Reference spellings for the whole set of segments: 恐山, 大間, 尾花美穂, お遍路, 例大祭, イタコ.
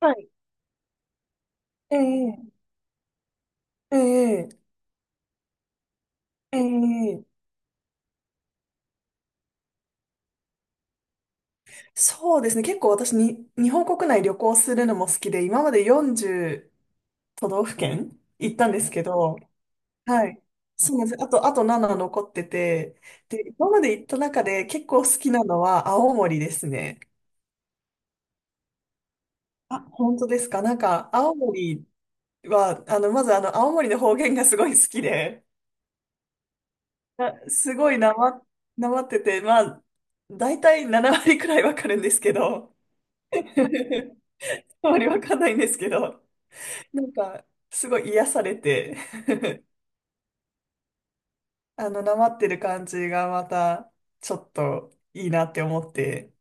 はい。ええ、ええ、ええ、そうですね。結構私に、日本国内旅行するのも好きで、今まで40都道府県行ったんですけど、はい。そうなんです。あと7残ってて、で、今まで行った中で結構好きなのは青森ですね。あ、本当ですか。なんか、青森は、まず青森の方言がすごい好きで、あ、すごいなまってて、まあ、大体7割くらいわかるんですけど、あまりわかんないんですけど、なんか、すごい癒されて、 なまってる感じがまた、ちょっといいなって思って。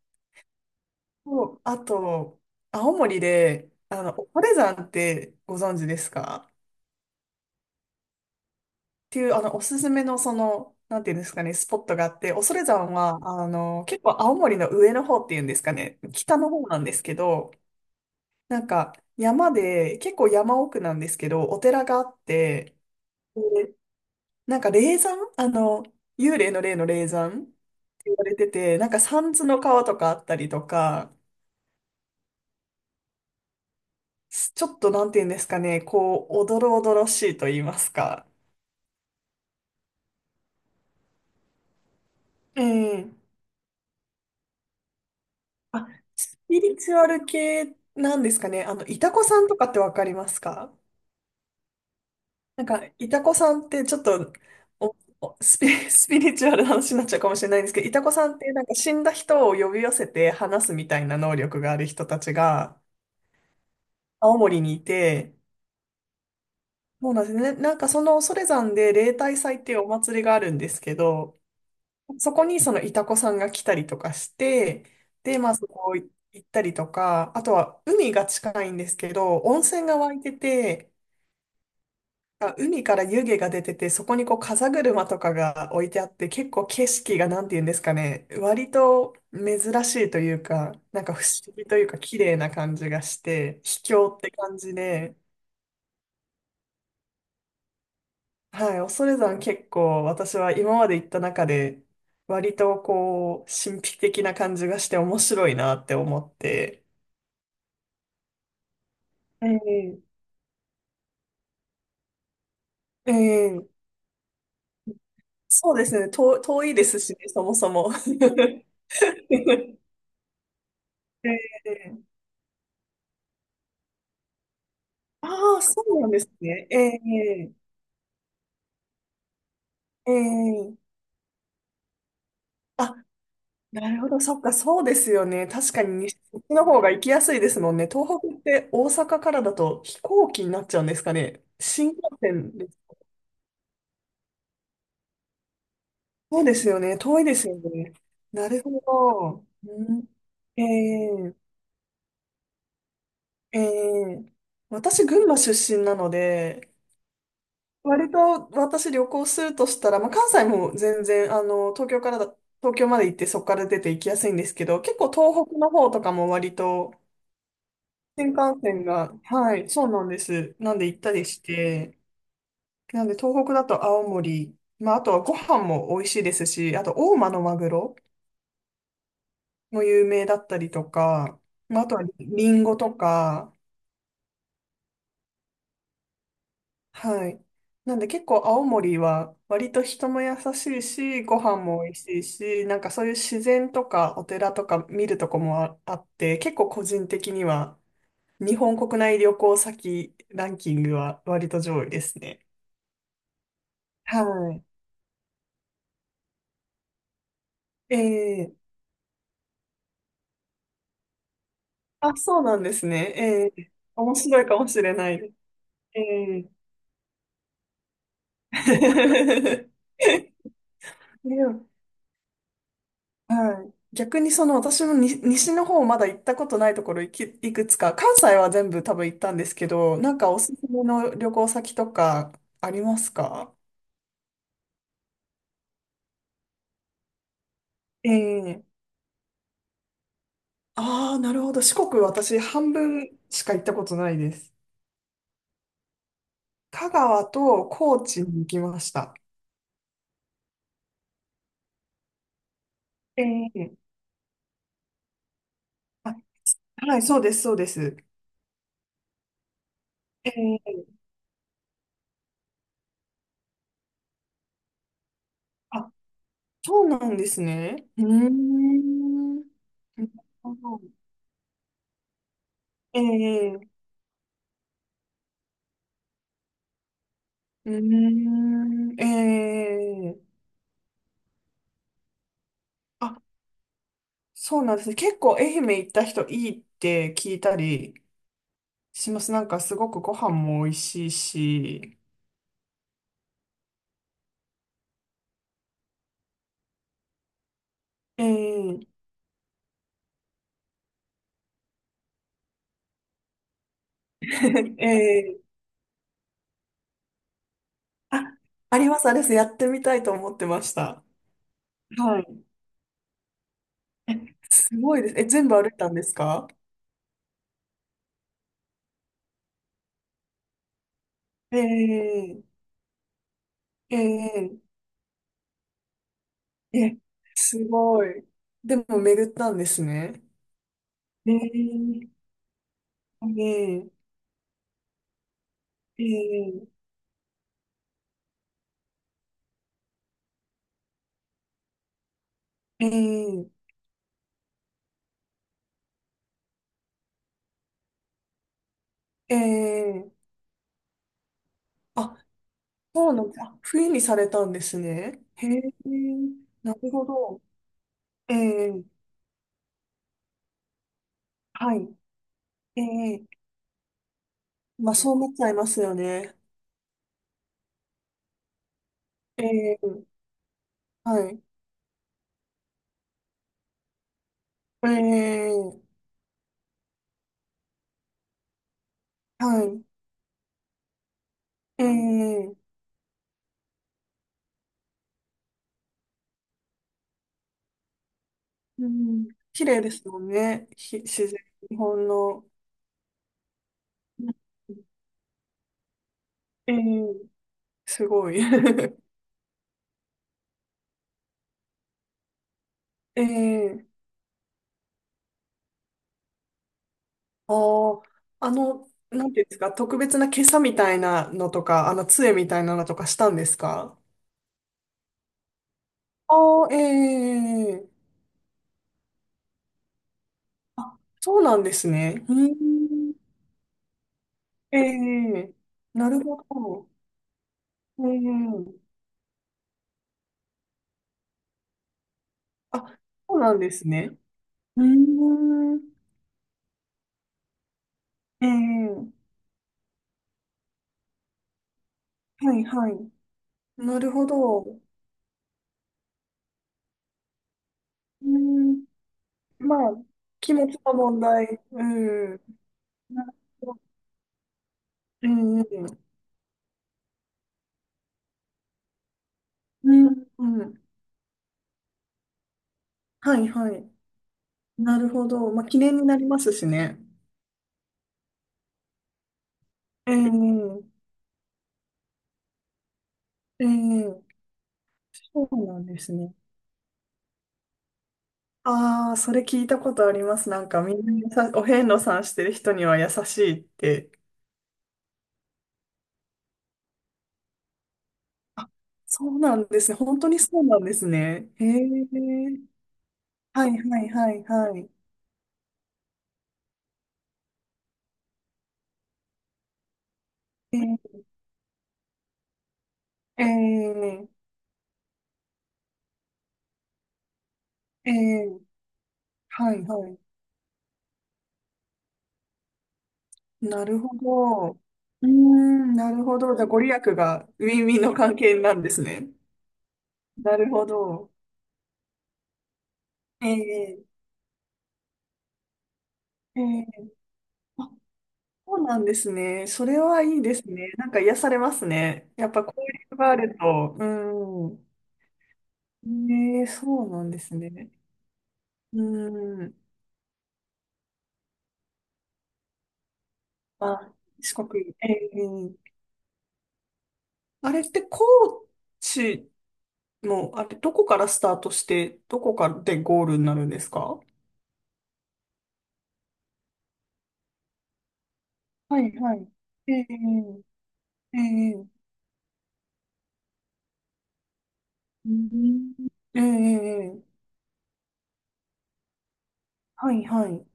そう、あと、青森で、恐山ってご存知ですか？っていう、おすすめの、なんていうんですかね、スポットがあって、恐山は、結構青森の上の方っていうんですかね、北の方なんですけど、なんか、山で、結構山奥なんですけど、お寺があって、で、なんか霊山、幽霊の霊の霊山って言われてて、なんか三途の川とかあったりとか、ちょっとなんて言うんですかね、こう、おどろおどろしいと言いますか。ええ、あ、スピリチュアル系なんですかね。イタコさんとかってわかりますか？なんか、イタコさんってちょっと、おおスピ、スピリチュアルな話になっちゃうかもしれないんですけど、イタコさんってなんか死んだ人を呼び寄せて話すみたいな能力がある人たちが青森にいて、そうなんですね。ね、なんかその恐山で例大祭っていうお祭りがあるんですけど、そこにそのイタコさんが来たりとかして、で、まあそこ行ったりとか、あとは海が近いんですけど、温泉が湧いてて、あ、海から湯気が出てて、そこにこう風車とかが置いてあって、結構景色がなんて言うんですかね、割と珍しいというか、なんか不思議というか綺麗な感じがして、秘境って感じで、はい、恐山結構私は今まで行った中で割とこう神秘的な感じがして面白いなって思って、ええ、ええ、そうですね、遠いですしね、そもそも。ええ、ああ、そうなんですね。ええええ、あ、なるほど、そっか、そうですよね。確かに西の方が行きやすいですもんね。東北って大阪からだと飛行機になっちゃうんですかね。新幹線。そうですよね。遠いですよね。なるほど。うん、ええええ、私、群馬出身なので、割と私旅行するとしたら、まあ、関西も全然、東京からだ、東京まで行ってそこから出て行きやすいんですけど、結構東北の方とかも割と新幹線が、はい、そうなんです。なんで行ったりして、なんで東北だと青森、まあ、あとはご飯も美味しいですし、あと大間のマグロ。も有名だったりとか、まあ、あとはリンゴとか、はい。なんで結構青森は割と人も優しいし、ご飯も美味しいし、なんかそういう自然とかお寺とか見るとこもああって、結構個人的には日本国内旅行先ランキングは割と上位ですね。はい。ええ、あ、そうなんですね。ええ、面白いかもしれないです。ええ、 でも、はい。逆に、私もに西の方まだ行ったことないところいくつか、関西は全部多分行ったんですけど、なんかおすすめの旅行先とかありますか？ええ、ああー、なるほど。四国私半分しか行ったことないです。香川と高知に行きました。ええ、あ、はい、そうです、そうです。ええ、あ、そうなんですね。うーん。なるほど、ええ、うーん。ええ、あ、そうなんですね。結構愛媛行った人いいって聞いたりします。なんかすごくご飯も美味しいし。ええ、 ええ、あ、あります、あれです。やってみたいと思ってました。はい。え、すごいです。え、全部歩いたんですか？えええええ、すごい。でも巡ったんですね。えええええええええ、えあ、そうなんです。あ、冬にされたんですね。へえ、なるほど。ええ、はい。ええ、まあそう思っちゃいますよね。ええ、はい。ええ、はい。ええ、うん、綺麗ですもんね。自然、日本の。うん、ええ、すごい。ええ、ああ、なんていうんですか、特別な袈裟みたいなのとか、杖みたいなのとかしたんですか？ああ、ええ、あ、そうなんですね。うーん。ええ、なるほど。ええ、あ、そうなんですね。うーん。ええ、はいはい。なるほど。うーん。まあ、気持ちの問題。うん。なるほど。うんうん。うんうん。はいはい。なるほど。まあ、記念になりますしね。ええええ、そうなんですね。ああ、それ聞いたことあります。なんかみんなお遍路さんしてる人には優しいって。あ、そうなんですね。本当にそうなんですね。へえ。はいはいはいはい。えー、えー、えー、はいはい。なるほど。うーん、なるほど。じゃあ、ご利益がウィンウィンの関係なんですね。なるほど。えー、えー、あ、そうなんですね。それはいいですね。なんか癒されますね。やっぱ交流があると。うん。ねえ、そうなんですね。うん。あ、四国。ええ、あれって高知の、あれ、どこからスタートして、どこからでゴールになるんですか？はいはい。ええええ、うん、ええええ、はいはい。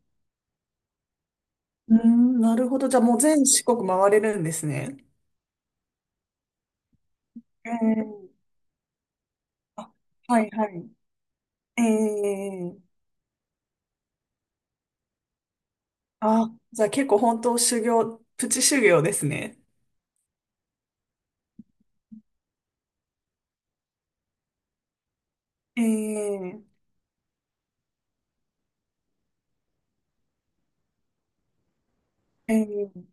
うん、なるほど。じゃあもう全四国回れるんですね。ええ、あ、はいはい。ええ、あ、じゃあ結構本当修行、プチ修行ですね。ええええ、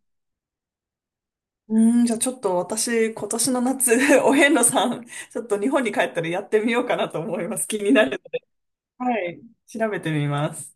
うん、じゃあちょっと私、今年の夏、お遍路さん、ちょっと日本に帰ったらやってみようかなと思います。気になる。はい、調べてみます。